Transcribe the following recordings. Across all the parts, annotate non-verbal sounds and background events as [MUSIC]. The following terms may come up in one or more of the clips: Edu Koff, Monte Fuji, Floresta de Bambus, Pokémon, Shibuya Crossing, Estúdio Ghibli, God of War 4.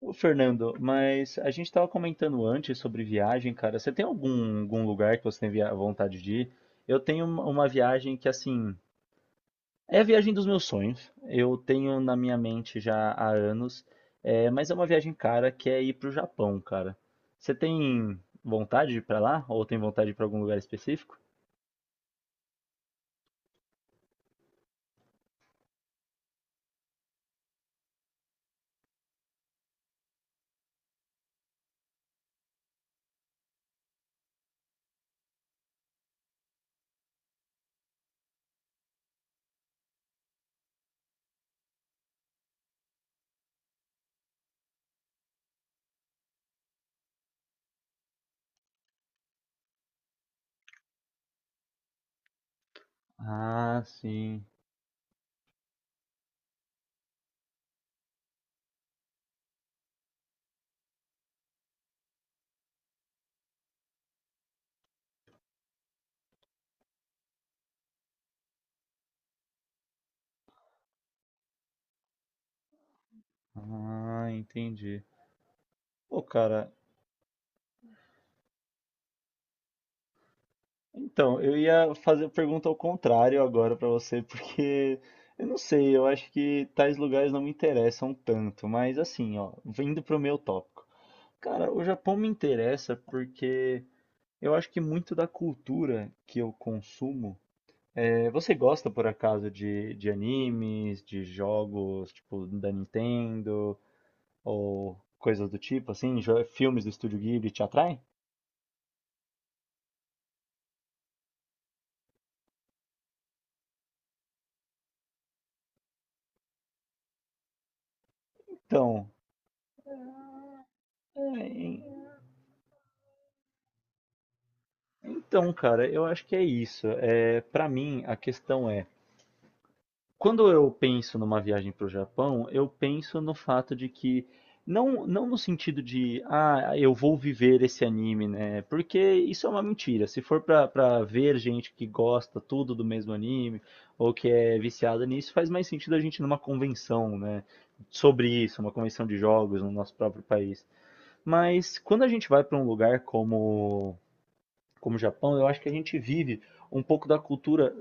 Ô, Fernando, mas a gente estava comentando antes sobre viagem, cara. Você tem algum lugar que você tem vontade de ir? Eu tenho uma viagem que, assim, é a viagem dos meus sonhos. Eu tenho na minha mente já há anos, mas é uma viagem cara que é ir pro Japão, cara. Você tem vontade de ir pra lá? Ou tem vontade de ir pra algum lugar específico? Ah, sim. Ah, entendi. Pô, cara, então, eu ia fazer a pergunta ao contrário agora pra você, [LAUGHS] porque eu não sei, eu acho que tais lugares não me interessam tanto, mas assim, ó, vindo pro meu tópico. Cara, o Japão me interessa porque eu acho que muito da cultura que eu consumo. Você gosta por acaso de, animes, de jogos tipo da Nintendo ou coisas do tipo, assim, filmes do Estúdio Ghibli te atraem? Então, é, Então, cara, eu acho que é isso. Para mim, a questão é, quando eu penso numa viagem para o Japão, eu penso no fato de que não, não no sentido de, ah, eu vou viver esse anime, né? Porque isso é uma mentira. Se for pra, ver gente que gosta tudo do mesmo anime ou que é viciada nisso, faz mais sentido a gente ir numa convenção, né? Sobre isso, uma convenção de jogos no nosso próprio país. Mas quando a gente vai para um lugar como o Japão, eu acho que a gente vive um pouco da cultura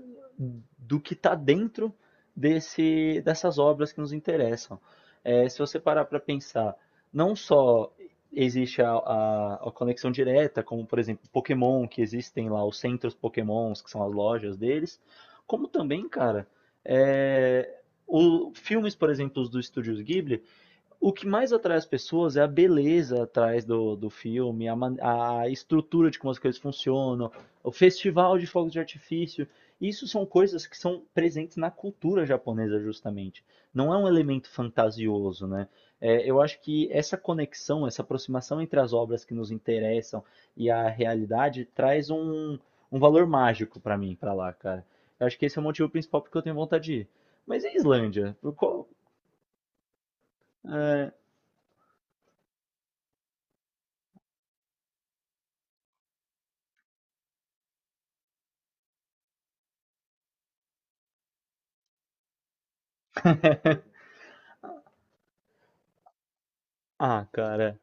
do que está dentro dessas obras que nos interessam. Se você parar para pensar, não só existe a conexão direta, como por exemplo Pokémon, que existem lá os centros Pokémons, que são as lojas deles, como também, cara, é, filmes, por exemplo, dos estúdios Ghibli, o que mais atrai as pessoas é a beleza atrás do, filme, a estrutura de como as coisas funcionam, o festival de fogos de artifício. Isso são coisas que são presentes na cultura japonesa, justamente. Não é um elemento fantasioso, né? Eu acho que essa conexão, essa aproximação entre as obras que nos interessam e a realidade traz um valor mágico pra mim, pra lá, cara. Eu acho que esse é o motivo principal porque eu tenho vontade de ir. Mas e a Islândia? É, Ah, cara.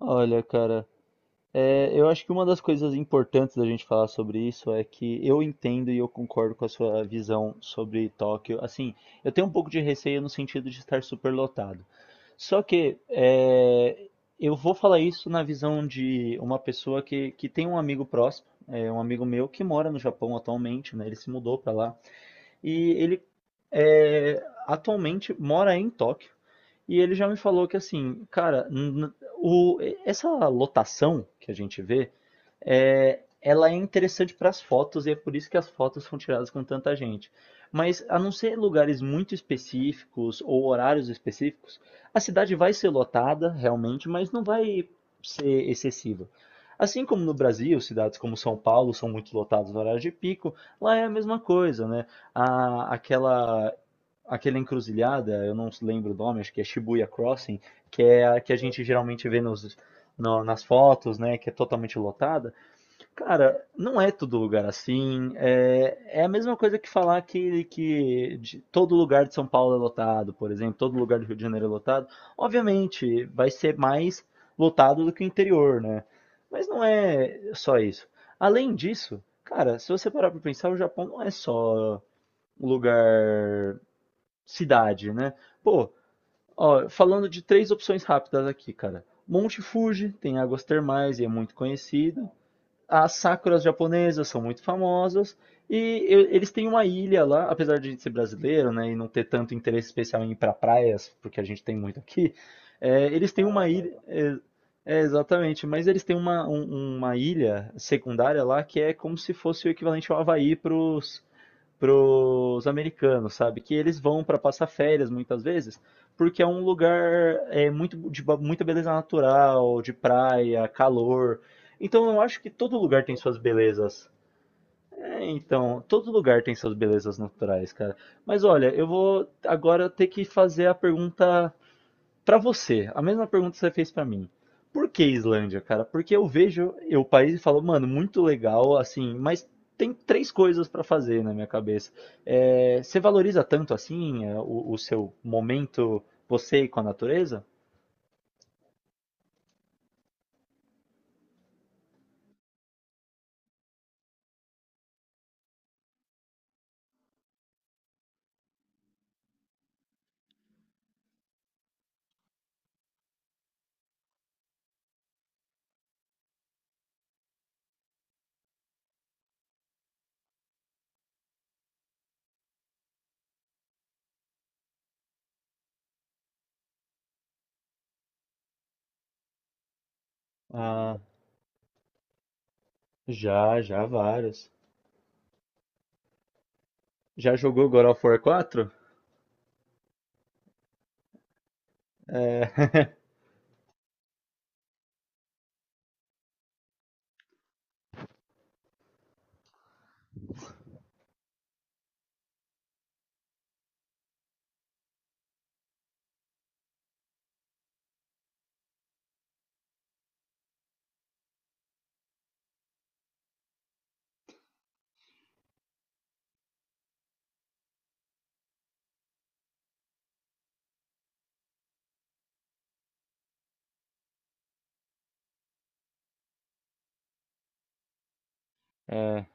Olha, cara, eu acho que uma das coisas importantes da gente falar sobre isso é que eu entendo e eu concordo com a sua visão sobre Tóquio. Assim, eu tenho um pouco de receio no sentido de estar superlotado. Só que eu vou falar isso na visão de uma pessoa que tem um amigo próximo, um amigo meu que mora no Japão atualmente, né? Ele se mudou para lá e ele atualmente mora em Tóquio. E ele já me falou que assim, cara, o, essa lotação que a gente vê ela é interessante para as fotos e é por isso que as fotos são tiradas com tanta gente. Mas a não ser lugares muito específicos ou horários específicos, a cidade vai ser lotada realmente, mas não vai ser excessiva. Assim como no Brasil, cidades como São Paulo são muito lotadas no horário de pico, lá é a mesma coisa, né? A, aquela aquela encruzilhada, eu não lembro o nome, acho que é Shibuya Crossing, que é a que a gente geralmente vê nos, nas fotos, né? Que é totalmente lotada. Cara, não é todo lugar assim. É, é a mesma coisa que falar que, que todo lugar de São Paulo é lotado, por exemplo, todo lugar do Rio de Janeiro é lotado. Obviamente, vai ser mais lotado do que o interior, né? Mas não é só isso. Além disso, cara, se você parar pra pensar, o Japão não é só um lugar cidade, né? Pô, ó, falando de três opções rápidas aqui, cara. Monte Fuji tem águas termais e é muito conhecido. As sakuras japonesas são muito famosas e eles têm uma ilha lá, apesar de a gente ser brasileiro, né, e não ter tanto interesse especial em ir para praias, porque a gente tem muito aqui, eles têm uma ilha, é, é, exatamente, mas eles têm uma, uma ilha secundária lá que é como se fosse o equivalente ao Havaí para os pros americanos, sabe? Que eles vão para passar férias muitas vezes, porque é um lugar muito muita beleza natural, de praia, calor. Então eu acho que todo lugar tem suas belezas. Então, todo lugar tem suas belezas naturais, cara. Mas olha, eu vou agora ter que fazer a pergunta pra você, a mesma pergunta que você fez pra mim. Por que Islândia, cara? Porque eu vejo o país e falo, mano, muito legal, assim, mas tem três coisas pra fazer na minha cabeça. Você valoriza tanto assim o seu momento, você e com a natureza? Ah, já, já vários. Já jogou God of War 4? É,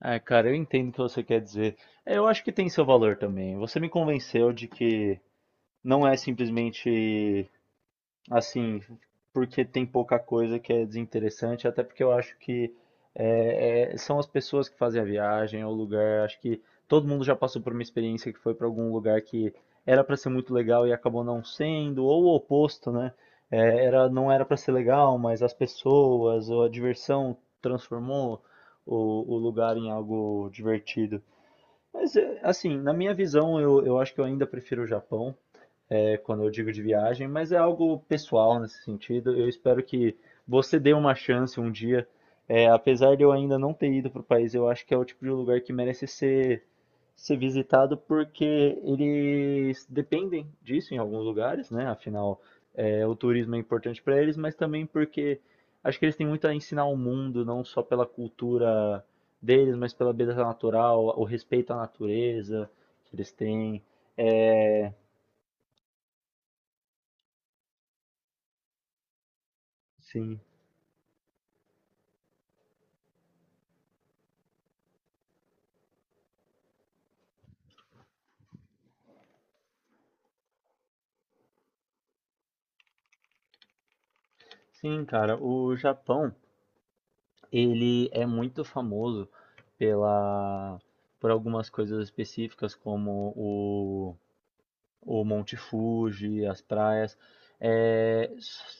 é, cara, eu entendo o que você quer dizer. É, eu acho que tem seu valor também. Você me convenceu de que não é simplesmente assim, porque tem pouca coisa que é desinteressante, até porque eu acho que são as pessoas que fazem a viagem, é o lugar. Acho que todo mundo já passou por uma experiência que foi para algum lugar que era para ser muito legal e acabou não sendo, ou o oposto, né? É, não era para ser legal, mas as pessoas ou a diversão transformou o lugar em algo divertido. Mas, assim, na minha visão, eu acho que eu ainda prefiro o Japão quando eu digo de viagem, mas é algo pessoal nesse sentido. Eu espero que você dê uma chance um dia. Apesar de eu ainda não ter ido para o país, eu acho que é o tipo de lugar que merece ser visitado porque eles dependem disso em alguns lugares, né? Afinal, o turismo é importante para eles, mas também porque acho que eles têm muito a ensinar ao mundo, não só pela cultura deles, mas pela beleza natural, o respeito à natureza que eles têm. É, sim. Sim, cara, o Japão, ele é muito famoso pela por algumas coisas específicas como o Monte Fuji, as praias. É,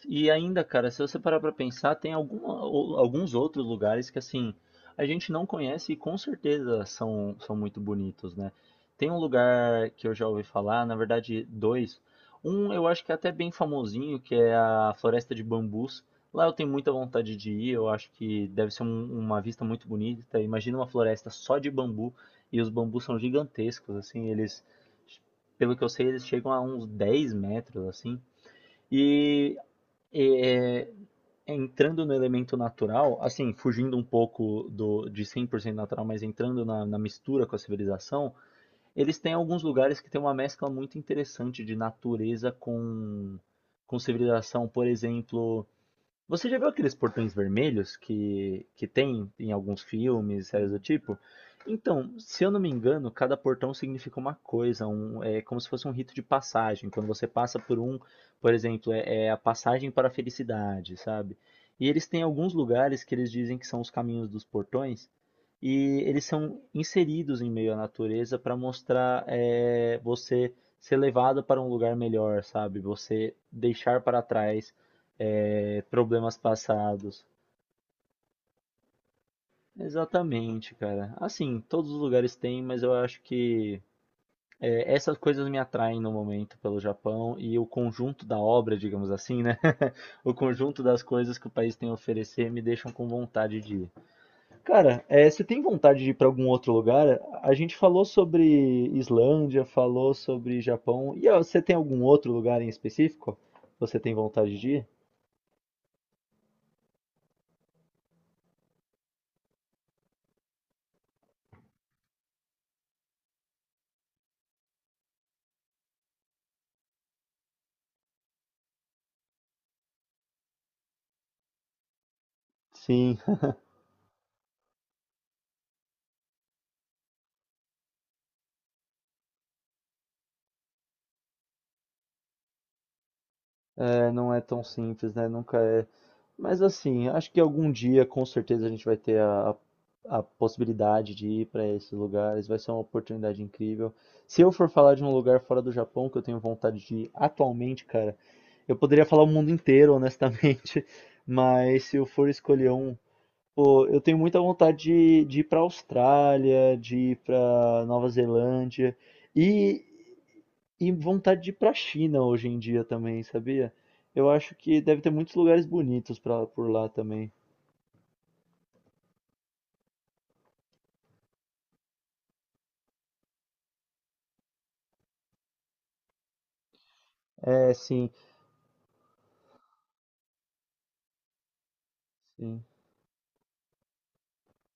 e ainda, cara, se você parar pra pensar, tem alguns outros lugares que assim a gente não conhece e com certeza são muito bonitos, né? Tem um lugar que eu já ouvi falar, na verdade, dois. Um eu acho que é até bem famosinho, que é a Floresta de Bambus. Lá eu tenho muita vontade de ir, eu acho que deve ser uma vista muito bonita. Imagina uma floresta só de bambu e os bambus são gigantescos, assim, eles pelo que eu sei, eles chegam a uns 10 metros, assim. E é, entrando no elemento natural, assim, fugindo um pouco do, de 100% natural, mas entrando na, mistura com a civilização, eles têm alguns lugares que tem uma mescla muito interessante de natureza com, civilização. Por exemplo, você já viu aqueles portões vermelhos que tem em alguns filmes, séries do tipo? Então, se eu não me engano, cada portão significa uma coisa, é como se fosse um rito de passagem. Quando você passa por um, por exemplo, é a passagem para a felicidade, sabe? E eles têm alguns lugares que eles dizem que são os caminhos dos portões, e eles são inseridos em meio à natureza para mostrar você ser levado para um lugar melhor, sabe? Você deixar para trás problemas passados. Exatamente, cara. Assim, todos os lugares têm, mas eu acho que essas coisas me atraem no momento pelo Japão e o conjunto da obra, digamos assim, né? [LAUGHS] O conjunto das coisas que o país tem a oferecer me deixam com vontade de ir. Cara, você tem vontade de ir para algum outro lugar? A gente falou sobre Islândia, falou sobre Japão. E ó, você tem algum outro lugar em específico? Você tem vontade de ir? Sim. É, não é tão simples, né? Nunca é. Mas assim, acho que algum dia com certeza a gente vai ter a possibilidade de ir para esses lugares. Vai ser uma oportunidade incrível. Se eu for falar de um lugar fora do Japão que eu tenho vontade de ir atualmente, cara, eu poderia falar o mundo inteiro, honestamente. [LAUGHS] Mas se eu for escolher um, pô, eu tenho muita vontade de, ir para Austrália, de ir para Nova Zelândia. E vontade de ir pra China hoje em dia também, sabia? Eu acho que deve ter muitos lugares bonitos por lá também. É, sim, sim.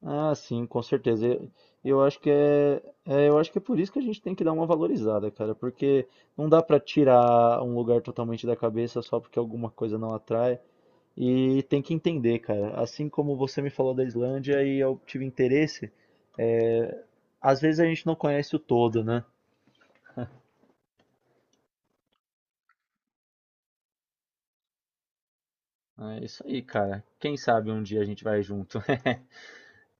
Ah, sim, com certeza. Eu acho que eu acho que é por isso que a gente tem que dar uma valorizada, cara, porque não dá pra tirar um lugar totalmente da cabeça só porque alguma coisa não atrai. E tem que entender, cara. Assim como você me falou da Islândia e eu tive interesse, é, às vezes a gente não conhece o todo, né? É isso aí, cara. Quem sabe um dia a gente vai junto. [LAUGHS]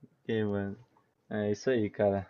Ok, mano. É isso aí, cara.